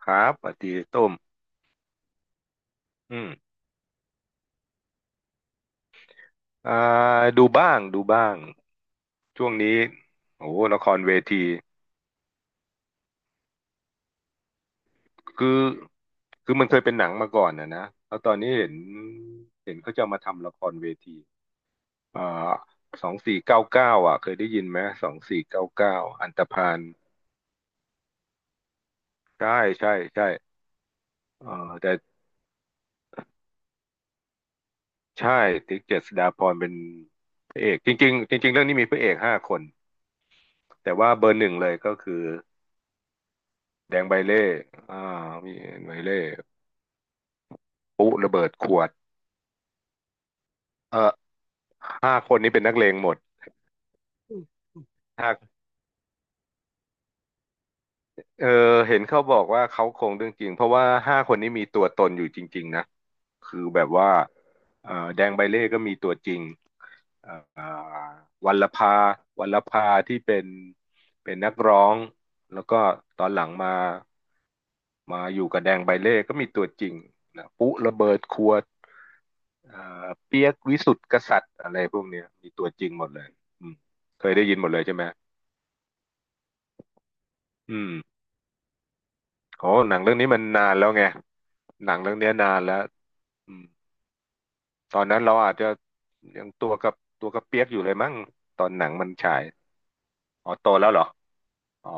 ครับสวัสดีต้มอืมอ่าดูบ้างดูบ้างช่วงนี้โอ้โหละครเวทีคือคือมันเคยเป็นหนังมาก่อนนะแล้วตอนนี้เห็นเขาจะเอามาทำละครเวทีอ่าสองสี่เก้าเก้าอ่ะเคยได้ยินไหมสองสี่เก้าเก้าอันตพาลใช่ใช่ใช่เออแต่ใช่ติ๊กเจษฎาพรเป็นพระเอกจริงๆจริงๆเรื่องนี้มีพระเอกห้าคนแต่ว่าเบอร์หนึ่งเลยก็คือแดงใบเล่อ่ามีใบเล่ ปุ๊ระเบิดขวดเออห้าคนนี้เป็นนักเลงหมดหากเออเห็นเขาบอกว่าเขาคงเรื่องจริงเพราะว่าห้าคนนี้มีตัวตนอยู่จริงๆ นะ คือแบบว่าแดงใบเล่ก็มีตัวจริง เอ่อวัลลภาวัลลภาที่เป็นนักร้องแล้วก็ตอนหลังมาอยู่กับแดงใบเล่ก็มีตัวจริงนะปุ๊ระเบิดขวดเอ่เปียกวิสุทธิ์กษัตริย์อะไรพวกเนี้ยมีตัวจริงหมดเลยอืมเคยได้ยินหมดเลยใช่ไหมอืมโอ้หนังเรื่องนี้มันนานแล้วไงหนังเรื่องเนี้ยนานแล้วอืมตอนนั้นเราอาจจะยังตัวกับเปียกอยู่เลยมั้งตอนหนังมันฉายอ๋อโตแล้วเหรออ๋อ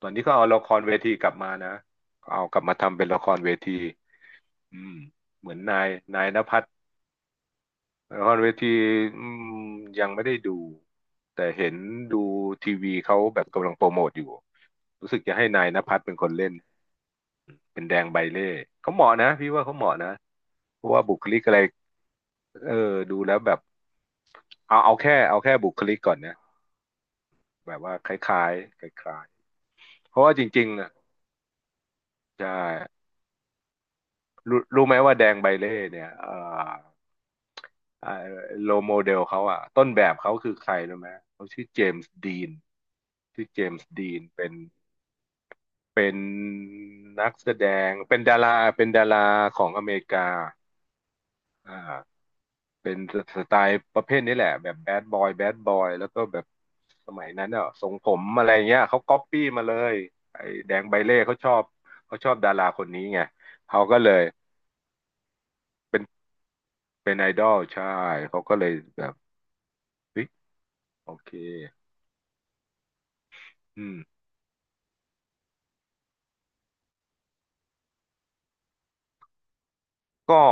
ตอนนี้ก็เอาละครเวทีกลับมานะเอากลับมาทำเป็นละครเวทีอืมเหมือนนายณภัทรละครเวทีอืมยังไม่ได้ดูแต่เห็นดูทีวีเขาแบบกำลังโปรโมทอยู่รู้สึกจะให้นายณภัทรเป็นคนเล่นเป็นแดงใบเล่เขาเหมาะนะพี่ว่าเขาเหมาะนะเพราะว่าบุคลิกอะไรเออดูแล้วแบบเอาแค่บุคลิกก่อนนะแบบว่าคล้ายๆคล้ายๆเพราะว่าจริงๆอ่ะใช่รู้ไหมว่าแดงใบเล่เนี่ยอ อ่าโลโมเดลเขาอ่ะต้นแบบเขาคือใครรู้ไหมเขาชื่อเจมส์ดีนชื่อเจมส์ดีนเป็นนักแสดงเป็นดาราของอเมริกาอ่าเป็นสไตล์ประเภทนี้แหละแบบแบดบอยแบดบอยแล้วก็แบบสมัยนั้นอ่ะทรงผมอะไรเงี้ยเขาก๊อปปี้มาเลยไอ้แดงใบเล่เขาชอบดาราคนนี้ไงเขาก็เลยเป็นเป็นไอดอลใช่เขาก็เลยแบบเฮ้ยโอเคอืม ก็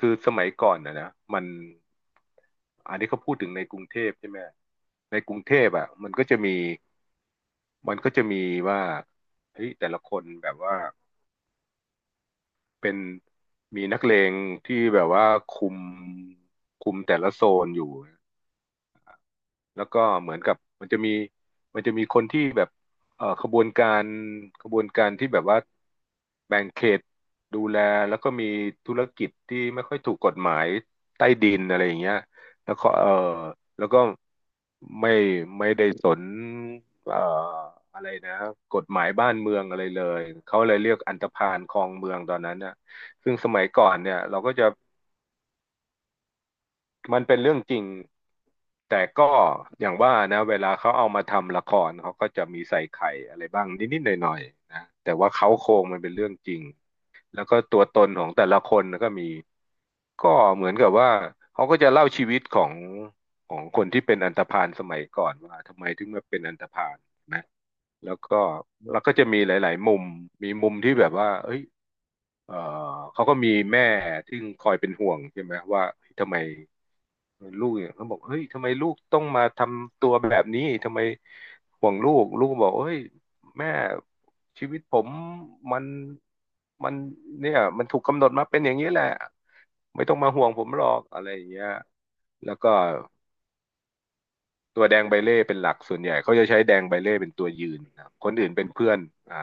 คือสมัยก่อนนะมันอันนี้เขาพูดถึงในกรุงเทพใช่ไหมในกรุงเทพอ่ะมันก็จะมีว่าเฮ้ยแต่ละคนแบบว่าเป็นมีนักเลงที่แบบว่าคุมคุมแต่ละโซนอยู่ แล้วก็เหมือนกับมันจะมีมันจะมีคนที่แบบเอ่อขบวนการขบวนการที่แบบว่าแบ่งเขตดูแลแล้วก็มีธุรกิจที่ไม่ค่อยถูกกฎหมายใต้ดินอะไรอย่างเงี้ยแล้วก็แล้วก็ไม่ไม่ได้สนเอ่ออะไรนะกฎหมายบ้านเมืองอะไรเลยเขาเลยเรียกอันธพาลครองเมืองตอนนั้นน่ะซึ่งสมัยก่อนเนี่ยเราก็จะ มันเป็นเรื่องจริงแต่ก็อย่างว่านะเวลาเขาเอามาทำละครเขาก็จะมีใส่ไข่อะไรบ้างนิดๆหน่อยๆนะแต่ว่าเขาโครงมันเป็นเรื่องจริงแล้วก็ตัวตนของแต่ละคนก็มีก็เหมือนกับว่าเขาก็จะเล่าชีวิตของคนที่เป็นอันธพาลสมัยก่อนว่าทำไมถึงมาเป็นอันธพาลนะแล้วก็จะมีหลายๆมุมมีมุมที่แบบว่าเอ้ย เอ่อเขาก็มีแม่ที่คอยเป็นห่วงใช่ไหมว่าเฮ้ยทำไมลูกเนี่ยเขาบอกเฮ้ยทำไมลูกต้องมาทำตัวแบบนี้ทำไมห่วงลูกลูกก็บอกเฮ้ยแม่ชีวิตผมมันมันเนี่ยมันถูกกำหนดมาเป็นอย่างนี้แหละไม่ต้องมาห่วงผมหรอกอะไรอย่างเงี้ยแล้วก็ตัวแดงใบเล่เป็นหลักส่วนใหญ่เขาจะใช้แดงใบเล่เป็นตัวยืนนะคนอื่นเป็นเพื่อนอ่า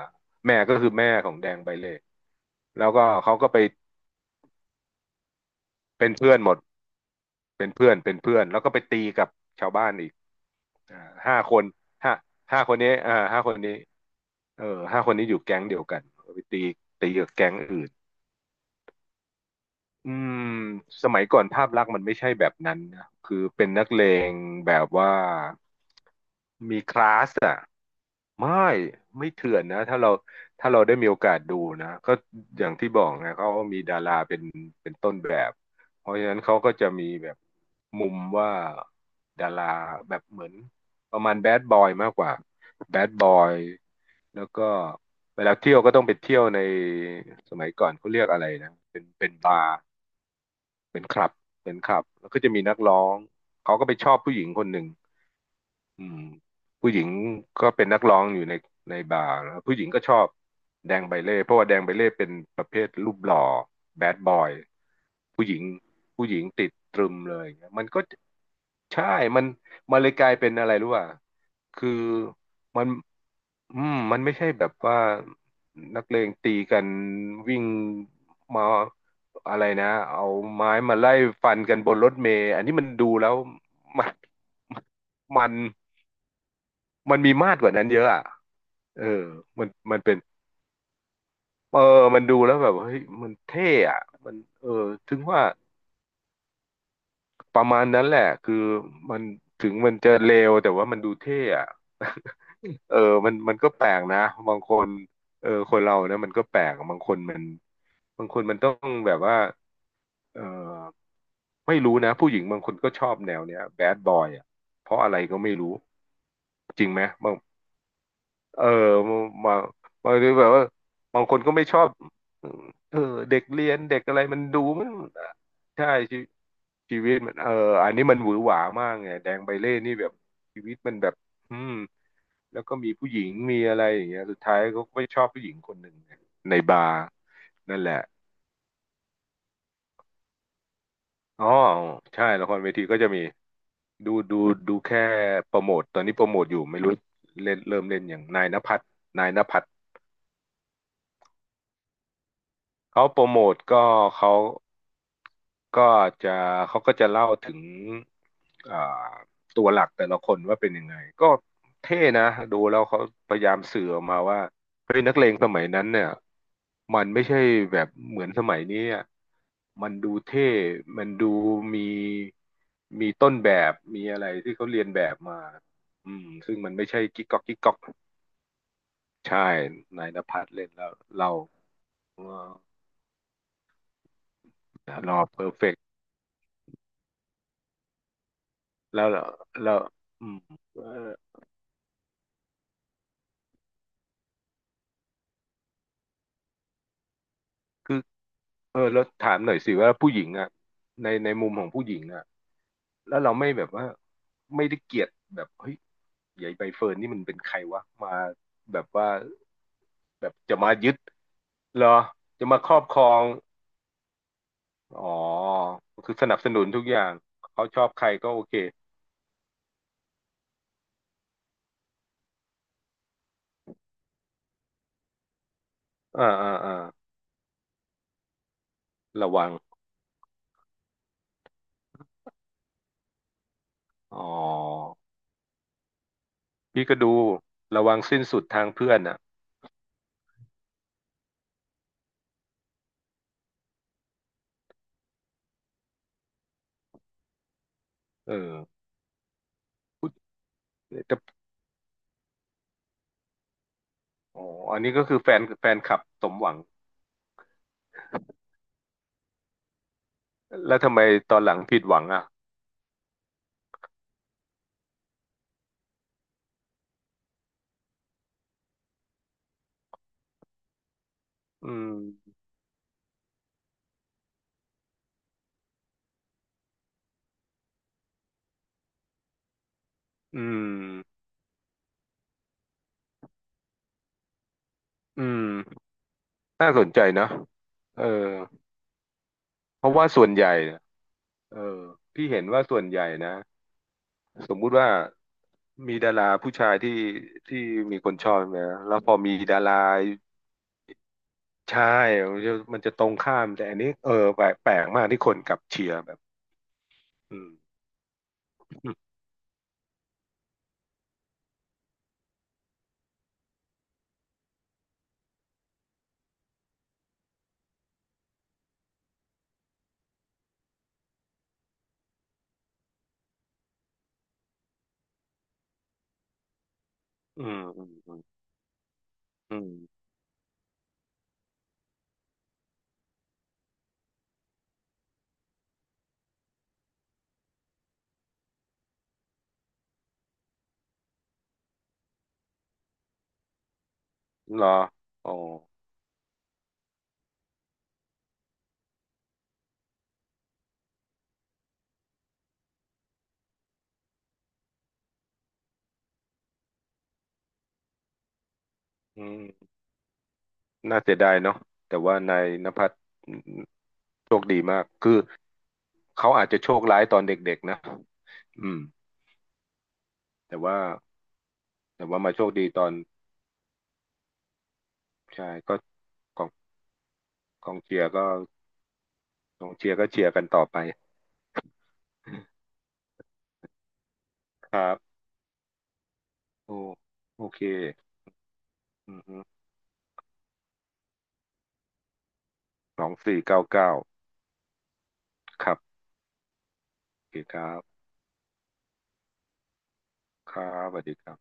แม่ก็คือแม่ของแดงใบเล่แล้วก็เขาก็ไป เป็นเพื่อนหมด เป็นเพื่อน เป็นเพื่อน แล้วก็ไปตีกับชาวบ้านอีกอ่าห้าคนห้าห้าคนนี้ห้าคนนี้เออห้าคนนี้อยู่แก๊งเดียวกันไปตีกับแก๊งอื่น อืมสมัยก่อนภาพลักษณ์มันไม่ใช่แบบนั้นนะคือเป็นนักเลงแบบว่ามีคลาสอะไม่ไม่เถื่อนนะถ้าเราได้มีโอกาสดูนะก็อย่างที่บอกนะเขามีดาราเป็นต้นแบบเพราะฉะนั้นเขาก็จะมีแบบมุมว่าดาราแบบเหมือนประมาณแบดบอยมากกว่าแบดบอยแล้วก็เวลาเที่ยวก็ต้องไปเที่ยวในสมัยก่อนเขาเรียกอะไรนะเป็นบาร์ เป็นคลับ เป็นคลับ แล้วก็จะมีนักร้อง เขาก็ไปชอบผู้หญิงคนหนึ่งอืมผู้หญิงก็เป็นนักร้องอยู่ในบาร์แล้วผู้หญิงก็ชอบแดงใบเล่ เพราะว่าแดงใบเล่เป็นประเภทรูปหล่อแบดบอยผู้หญิงติดตรึมเลยอย่างเงี้ยมันก็ ใช่ มันมันเลยกลายเป็นอะไรรู้ป่ะคือมันมันไม่ใช่แบบว่านักเลงตีกันวิ่งมาอะไรนะเอาไม้มาไล่ฟันกันบนรถเมล์อันนี้มันดูแล้วมันมันมันมีมาดกว่านั้นเยอะอ่ะเออมันเป็นเออมันดูแล้วแบบเฮ้ยมันเท่อะมันถึงว่าประมาณนั้นแหละคือมันถึงมันจะเลวแต่ว่ามันดูเท่อะ เออมันก็แปลกนะ บางคนเออคนเราเนี่ยมันก็แปลกบางคนมันบางคนมันต้องแบบว่าเออไม่รู้นะ ผู้หญิงบางคนก็ชอบแนวเนี้ยแบดบอยอ่ะเพราะอะไรก็ไม่รู้ จริงไหม บางเออมางบางทีแบบว่าบางคนก็ไม่ชอบเออเด็กเรียนเด็กอะไรมันดูมัน ใช่ ชีชีวิตมันอันนี้มันหวือหวามากไงแดงใบเล่นี่แบบชีวิตมันแบบอืม แล้วก็มีผู้หญิงมีอะไรอย่างเงี้ยสุดท้ายเขาก็ไปชอบผู้หญิงคนหนึ่งเนี่ยในบาร์นั่นแหละอ๋อใช่ละครเวทีก็จะมีดูดูแค่โปรโมทตอนนี้โปรโมทอยู่ไม่รู้เล่นเริ่มเล่นอย่างนายณภัทรนายณภัทรเขาโปรโมทก็เขา ก็จะเขาก็จะเล่าถึงอ่าตัวหลักแต่ละคนว่าเป็นยังไงก็เท่นะดูแล้วเขาพยายามสื่อออกมาว่าเฮ้ยนักเลงสมัยนั้นเนี่ยมันไม่ใช่แบบเหมือนสมัยนี้อะมันดูเท่มันดูมีต้นแบบมีอะไรที่เขาเรียนแบบมาอืมซึ่งมันไม่ใช่กิ๊กก๊อกใช่นายณภัทรเล่นแล้วเราเออรอเพอร์เฟกต์แล้วแล้วอืมเออคือ เออแล้วถามหน่อยสิว่าผู้หญิงอ่ะในมุมของผู้หญิงอ่ะแล้วเราไม่แบบว่าไม่ได้เกลียดแบบเฮ้ยใหญ่ใบเฟิร์นนี่มันเป็นใครวะมาแบบว่าแบบจะมายึดเหรอจะมาครอบครองอ๋อคือสนับสนุนทุกอย่างเขาชอบใครก็โอเคอ่าอ่าอ่าระวังอ๋อพี่ก็ดูระวังสิ้นสุดทางเพื่อนอ่ะเออแต่อ๋ออันนี้ก็คือแฟนคลับสมหวัง แล้วทำไมตอนหลังผิดหวังอ่ะอืมอืมอืมน่าสนใจนะเออเพราะว่าส่วนใหญ่ออพี่เห็นว่าส่วนใหญ่นะ สมมุติว่ามีดาราผู้ชายที่ที่มีคนชอบนะแล้วพอมีดาราชายมันจะมันจะตรงข้ามแต่อันนี้เออแปลกมากที่คนกลับเชียร์แบบอืมอืมอืมอืมอืมเหรออ๋ออืม น่าเสียดายเนาะแต่ว่านายณภัทรโชคดีมากคือเขาอาจจะโชคร้ายตอนเด็กๆนะอืมแต่ว่าแต่ว่ามาโชคดีตอนใช่ก็กองกองเชียร์ก็กองเชียร์ก็เชียร์กันต่อไปครับโอโอเคอือฮึ2499ครับโอเคครับครับสวัสดีครับ